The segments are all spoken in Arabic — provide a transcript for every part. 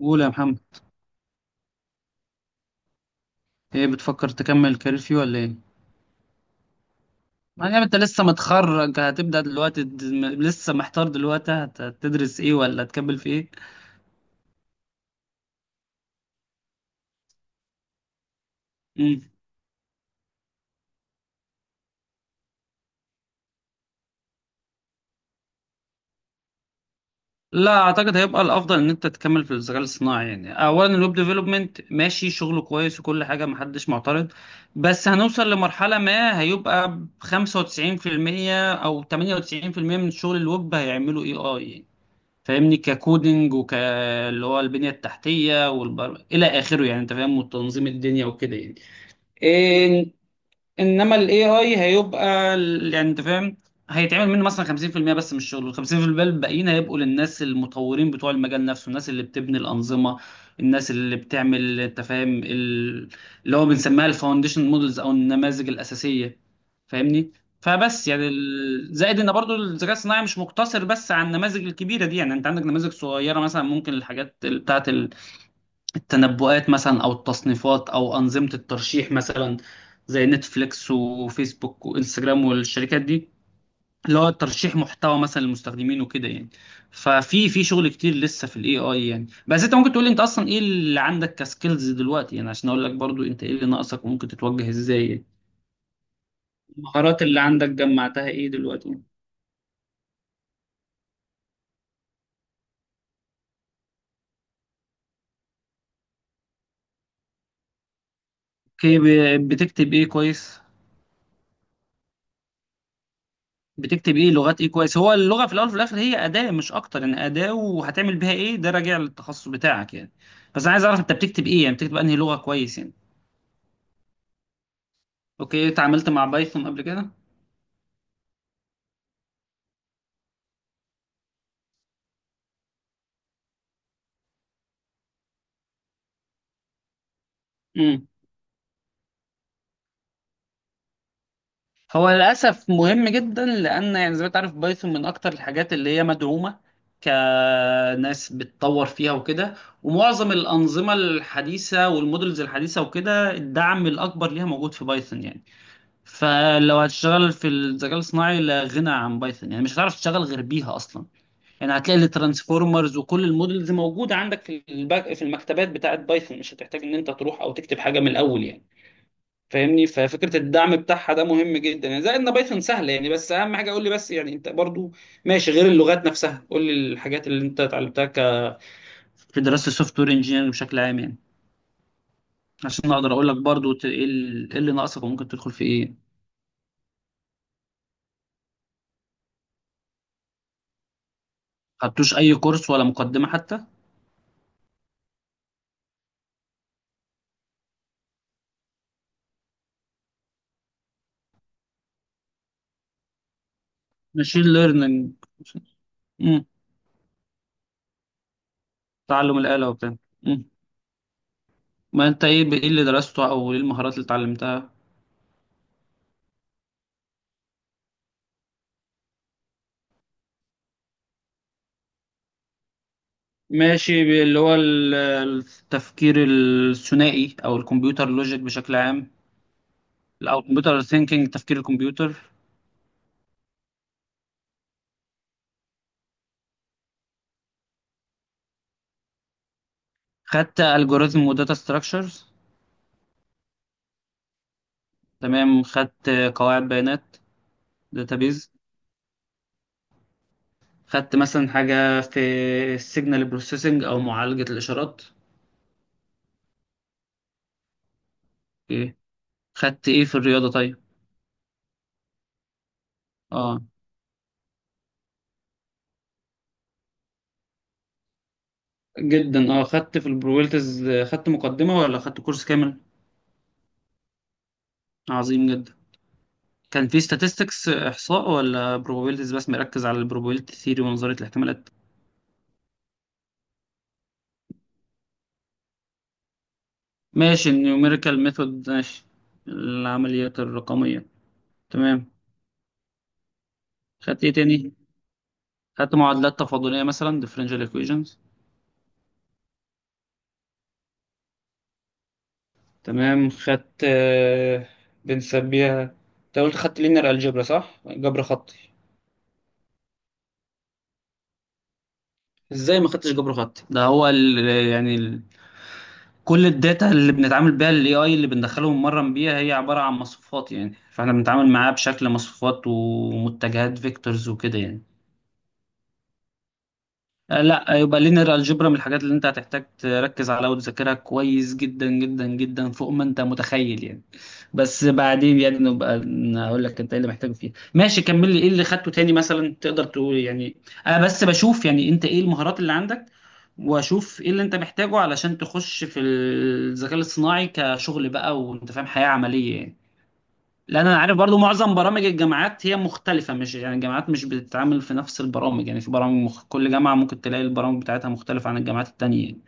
قول يا محمد. ايه بتفكر تكمل الكارير فيه ولا ايه؟ يعني انت لسه متخرج هتبدأ دلوقتي لسه محتار دلوقتي هتدرس ايه ولا هتكمل في ايه؟ مم. لا اعتقد هيبقى الافضل ان انت تكمل في الذكاء الاصطناعي. يعني اولا الويب ديفلوبمنت ماشي، شغله كويس وكل حاجه محدش معترض. بس هنوصل لمرحله ما هيبقى 95% او 98% من شغل الويب هيعملوا اي اي. فاهمني، ككودنج وك اللي هو البنية التحتية إلى آخره. يعني أنت فاهم، وتنظيم الدنيا وكده يعني. انما الاي اي هيبقى يعني انت فاهم، هيتعمل منه مثلا 50% بس من الشغل، وال 50% الباقيين هيبقوا للناس المطورين بتوع المجال نفسه، الناس اللي بتبني الانظمه، الناس اللي بتعمل انت فاهم اللي هو بنسميها الفاونديشن مودلز او النماذج الاساسيه. فاهمني. فبس يعني زائد ان برضو الذكاء الصناعي مش مقتصر بس على النماذج الكبيره دي. يعني انت عندك نماذج صغيره مثلا، ممكن الحاجات بتاعه التنبؤات مثلا او التصنيفات او انظمه الترشيح مثلا، زي نتفليكس وفيسبوك وانستجرام والشركات دي، اللي هو ترشيح محتوى مثلا للمستخدمين وكده يعني. ففي شغل كتير لسه في الاي اي يعني. بس انت ممكن تقول لي انت اصلا ايه اللي عندك كسكيلز دلوقتي، يعني عشان اقول لك برضو انت ايه اللي ناقصك وممكن تتوجه ازاي يعني. المهارات اللي عندك جمعتها ايه دلوقتي؟ اوكي. بتكتب ايه كويس؟ بتكتب ايه، لغات ايه كويس؟ هو اللغه في الاول وفي الاخر هي اداه مش اكتر، يعني اداه، وهتعمل بيها ايه ده راجع للتخصص بتاعك يعني. بس انا عايز اعرف انت بتكتب ايه، يعني بتكتب انهي لغه كويس يعني. اوكي، اتعاملت مع بايثون قبل كده؟ امم. هو للاسف مهم جدا، لان يعني زي ما انت عارف بايثون من اكتر الحاجات اللي هي مدعومه كناس بتطور فيها وكده. ومعظم الانظمه الحديثه والمودلز الحديثه وكده الدعم الاكبر ليها موجود في بايثون يعني. فلو هتشتغل في الذكاء الصناعي لا غنى عن بايثون، يعني مش هتعرف تشتغل غير بيها اصلا. يعني هتلاقي الترانسفورمرز وكل المودلز موجوده عندك في الباك، في المكتبات بتاعه بايثون، مش هتحتاج ان انت تروح او تكتب حاجه من الاول يعني. فاهمني. ففكره الدعم بتاعها ده مهم جدا، يعني زائد ان بايثون سهله يعني. بس اهم حاجه قول لي بس يعني انت برضو ماشي، غير اللغات نفسها قول لي الحاجات اللي انت اتعلمتها في دراسه السوفت وير انجينيرنج بشكل عام، يعني عشان اقدر اقول لك برضو إيه اللي ناقصك وممكن تدخل في ايه. ما خدتوش اي كورس ولا مقدمه حتى؟ ماشين ليرنينج. امم. تعلم الآلة وبتاع. امم. ما انت ايه ايه اللي درسته او ايه المهارات اللي اتعلمتها؟ ماشي. اللي هو التفكير الثنائي او الكمبيوتر لوجيك بشكل عام، او كمبيوتر ثينكينج، تفكير الكمبيوتر. خدت الجوريزم وداتا ستراكشرز. تمام، خدت قواعد بيانات، داتابيز. خدت مثلا حاجة في السيجنال بروسيسنج او معالجة الاشارات؟ اوكي. خدت ايه في الرياضة طيب؟ اه جدا. اه خدت في البرويلتز، خدت مقدمة ولا خدت كورس كامل؟ عظيم جدا. كان في statistics، إحصاء، ولا probabilities بس، مركز على البروبابيلتي ثيري ونظرية الاحتمالات؟ ماشي، النيوميريكال ميثود، ماشي، العمليات الرقمية. تمام. خدت ايه تاني؟ خدت معادلات تفاضلية مثلا differential equations؟ تمام، خدت بنسميها، انت قلت خدت linear algebra صح، جبر خطي؟ ازاي ما خدتش جبر خطي؟ ده هو يعني كل الداتا اللي بنتعامل بيها الاي اي، اللي بندخله ونمرن بيها، هي عبارة عن مصفوفات، يعني فاحنا بنتعامل معاه بشكل مصفوفات ومتجهات فيكتورز وكده يعني. لا يبقى لينير الجبرا من الحاجات اللي انت هتحتاج تركز عليها وتذاكرها كويس جدا جدا جدا، فوق ما انت متخيل يعني. بس بعدين يعني نبقى اقول لك انت ايه اللي محتاجه فيها. ماشي، كمل لي ايه اللي خدته تاني مثلا تقدر تقول يعني. انا بس بشوف يعني انت ايه المهارات اللي عندك، واشوف ايه اللي انت محتاجه علشان تخش في الذكاء الاصطناعي كشغل بقى، وانت فاهم، حياة عملية يعني. لان انا عارف برضو معظم برامج الجامعات هي مختلفه، مش يعني الجامعات مش بتتعامل في نفس البرامج، يعني في برامج كل جامعه ممكن تلاقي البرامج بتاعتها مختلفه عن الجامعات التانية يعني.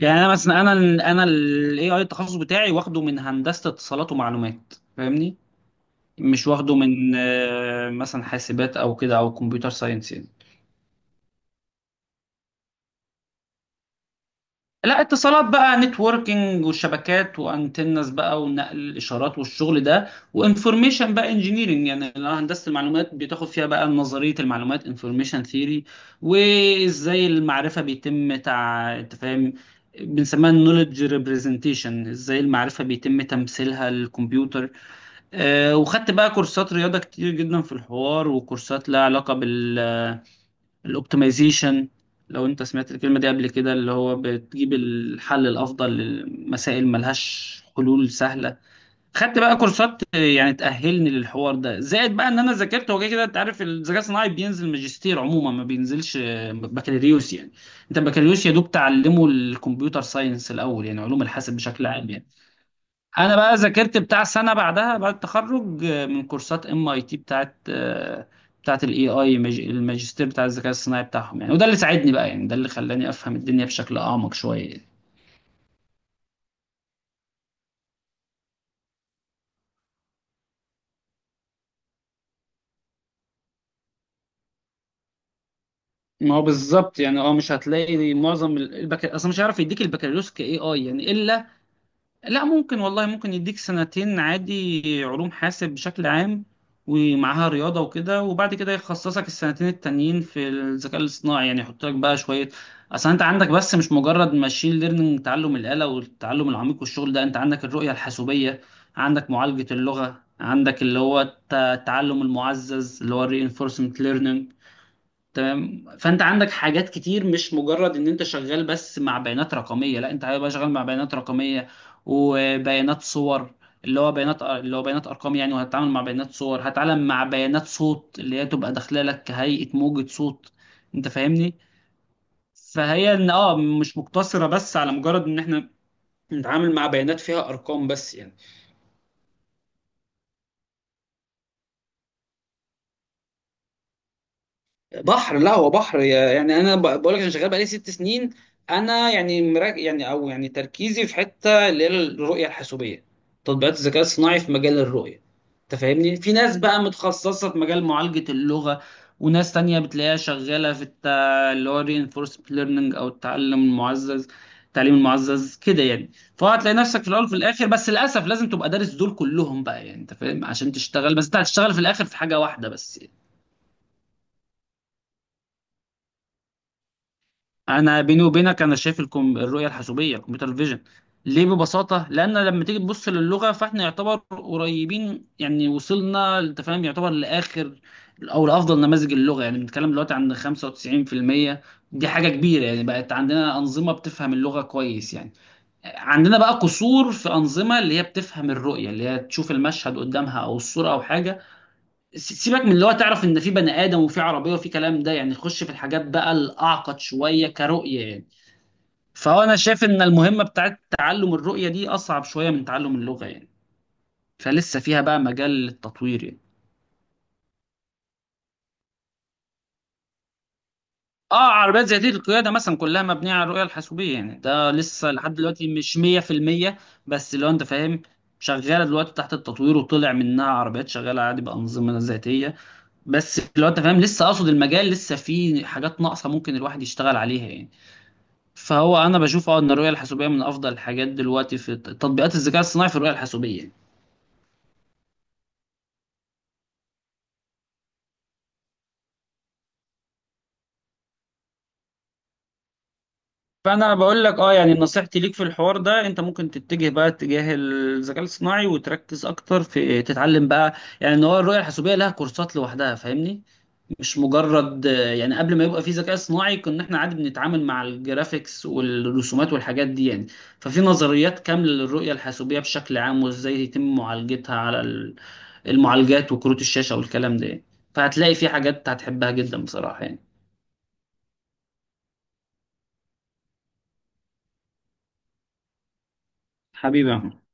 يعني انا مثلا، انا الاي اي التخصص بتاعي واخده من هندسه اتصالات ومعلومات، فاهمني، مش واخده من مثلا حاسبات او كده او كمبيوتر ساينس يعني. لا اتصالات بقى، نتوركينج وشبكات وانتنس بقى، ونقل الاشارات والشغل ده. وانفورميشن بقى انجينيرنج يعني، اللي هو هندسه المعلومات، بتاخد فيها بقى نظريه المعلومات، انفورميشن ثيوري، وازاي المعرفه بيتم انت فاهم، بنسميها النولج ريبريزنتيشن، ازاي المعرفه بيتم تمثيلها للكمبيوتر. وخدت بقى كورسات رياضه كتير جدا في الحوار، وكورسات لها علاقه بال الاوبتمايزيشن. لو انت سمعت الكلمة دي قبل كده، اللي هو بتجيب الحل الافضل لمسائل ملهاش حلول سهلة. خدت بقى كورسات يعني تأهلني للحوار ده، زائد بقى ان انا ذاكرت. هو كده كده انت عارف الذكاء الصناعي بينزل ماجستير عموما، ما بينزلش بكالوريوس يعني. انت البكالوريوس يا دوب تعلمه الكمبيوتر ساينس الاول يعني، علوم الحاسب بشكل عام يعني. انا بقى ذاكرت بتاع سنه بعدها، بعد التخرج، من كورسات ام اي تي بتاعت الاي اي، الماجستير بتاع الذكاء الصناعي بتاعهم يعني، وده اللي ساعدني بقى يعني، ده اللي خلاني افهم الدنيا بشكل اعمق شويه. ما هو بالظبط يعني. اه مش هتلاقي معظم اصلا مش هيعرف يديك البكالوريوس كاي اي يعني الا. لا، ممكن، والله ممكن يديك سنتين عادي علوم حاسب بشكل عام، ومعاها رياضة وكده، وبعد كده يخصصك السنتين التانيين في الذكاء الاصطناعي يعني، يحط لك بقى شوية. أصل أنت عندك بس مش مجرد ماشين ليرنينج، تعلم الآلة والتعلم العميق والشغل ده، أنت عندك الرؤية الحاسوبية، عندك معالجة اللغة، عندك اللي هو التعلم المعزز اللي هو الرينفورسمنت learning. تمام. فانت عندك حاجات كتير، مش مجرد ان انت شغال بس مع بيانات رقميه. لا، انت هيبقى شغال مع بيانات رقميه وبيانات صور، اللي هو بيانات، اللي هو بيانات ارقام يعني، وهتتعامل مع بيانات صور، هتتعامل مع بيانات صوت اللي هي تبقى داخله لك كهيئه موجه صوت، انت فاهمني. فهي ان مش مقتصره بس على مجرد ان احنا نتعامل مع بيانات فيها ارقام بس يعني. بحر، لا هو بحر يعني. انا بقول لك، انا شغال بقالي ست سنين. انا يعني مراك يعني، او يعني تركيزي في حته اللي هي الرؤيه الحاسوبيه، تطبيقات الذكاء الصناعي في مجال الرؤيه، انت فاهمني. في ناس بقى متخصصه في مجال معالجه اللغه، وناس تانية بتلاقيها شغاله في اللي هو reinforcement learning او التعلم المعزز، التعليم المعزز كده يعني. فهتلاقي نفسك في الاول وفي الاخر، بس للاسف لازم تبقى دارس دول كلهم بقى يعني، انت فاهم، عشان تشتغل، بس انت هتشتغل في الاخر في حاجه واحده بس. انا بيني وبينك انا شايف الرؤيه الحاسوبيه، الكمبيوتر فيجن. ليه؟ ببساطه، لان لما تيجي تبص للغه فاحنا يعتبر قريبين يعني، وصلنا انت فاهم يعتبر لاخر او لافضل نماذج اللغه يعني، بنتكلم دلوقتي عن 95%، دي حاجه كبيره يعني، بقت عندنا انظمه بتفهم اللغه كويس يعني. عندنا بقى قصور في انظمه اللي هي بتفهم الرؤيه، اللي هي تشوف المشهد قدامها او الصوره او حاجه. سيبك من اللي هو تعرف ان في بني ادم وفي عربيه وفي كلام ده يعني، خش في الحاجات بقى الاعقد شويه كرؤيه يعني. فهو انا شايف ان المهمه بتاعت تعلم الرؤيه دي اصعب شويه من تعلم اللغه يعني، فلسه فيها بقى مجال للتطوير يعني. اه عربيات ذاتيه القياده مثلا كلها مبنيه على الرؤيه الحاسوبيه يعني، ده لسه لحد دلوقتي مش 100%. بس لو انت فاهم، شغاله دلوقتي تحت التطوير، وطلع منها عربيات شغاله عادي بانظمه ذاتيه. بس لو انت فاهم لسه، اقصد المجال لسه فيه حاجات ناقصه ممكن الواحد يشتغل عليها يعني. فهو انا بشوف ان الرؤيه الحاسوبيه من افضل الحاجات دلوقتي في تطبيقات الذكاء الصناعي، في الرؤيه الحاسوبيه. فانا بقول لك يعني نصيحتي ليك في الحوار ده، انت ممكن تتجه بقى اتجاه الذكاء الصناعي، وتركز اكتر في تتعلم بقى، يعني ان هو الرؤيه الحاسوبيه لها كورسات لوحدها، فاهمني. مش مجرد يعني قبل ما يبقى في ذكاء صناعي كنا احنا عادي بنتعامل مع الجرافيكس والرسومات والحاجات دي يعني. ففي نظريات كامله للرؤيه الحاسوبيه بشكل عام، وازاي يتم معالجتها على المعالجات وكروت الشاشه والكلام ده يعني. فهتلاقي في حاجات هتحبها جدا بصراحه يعني. حبيبي يا محمد.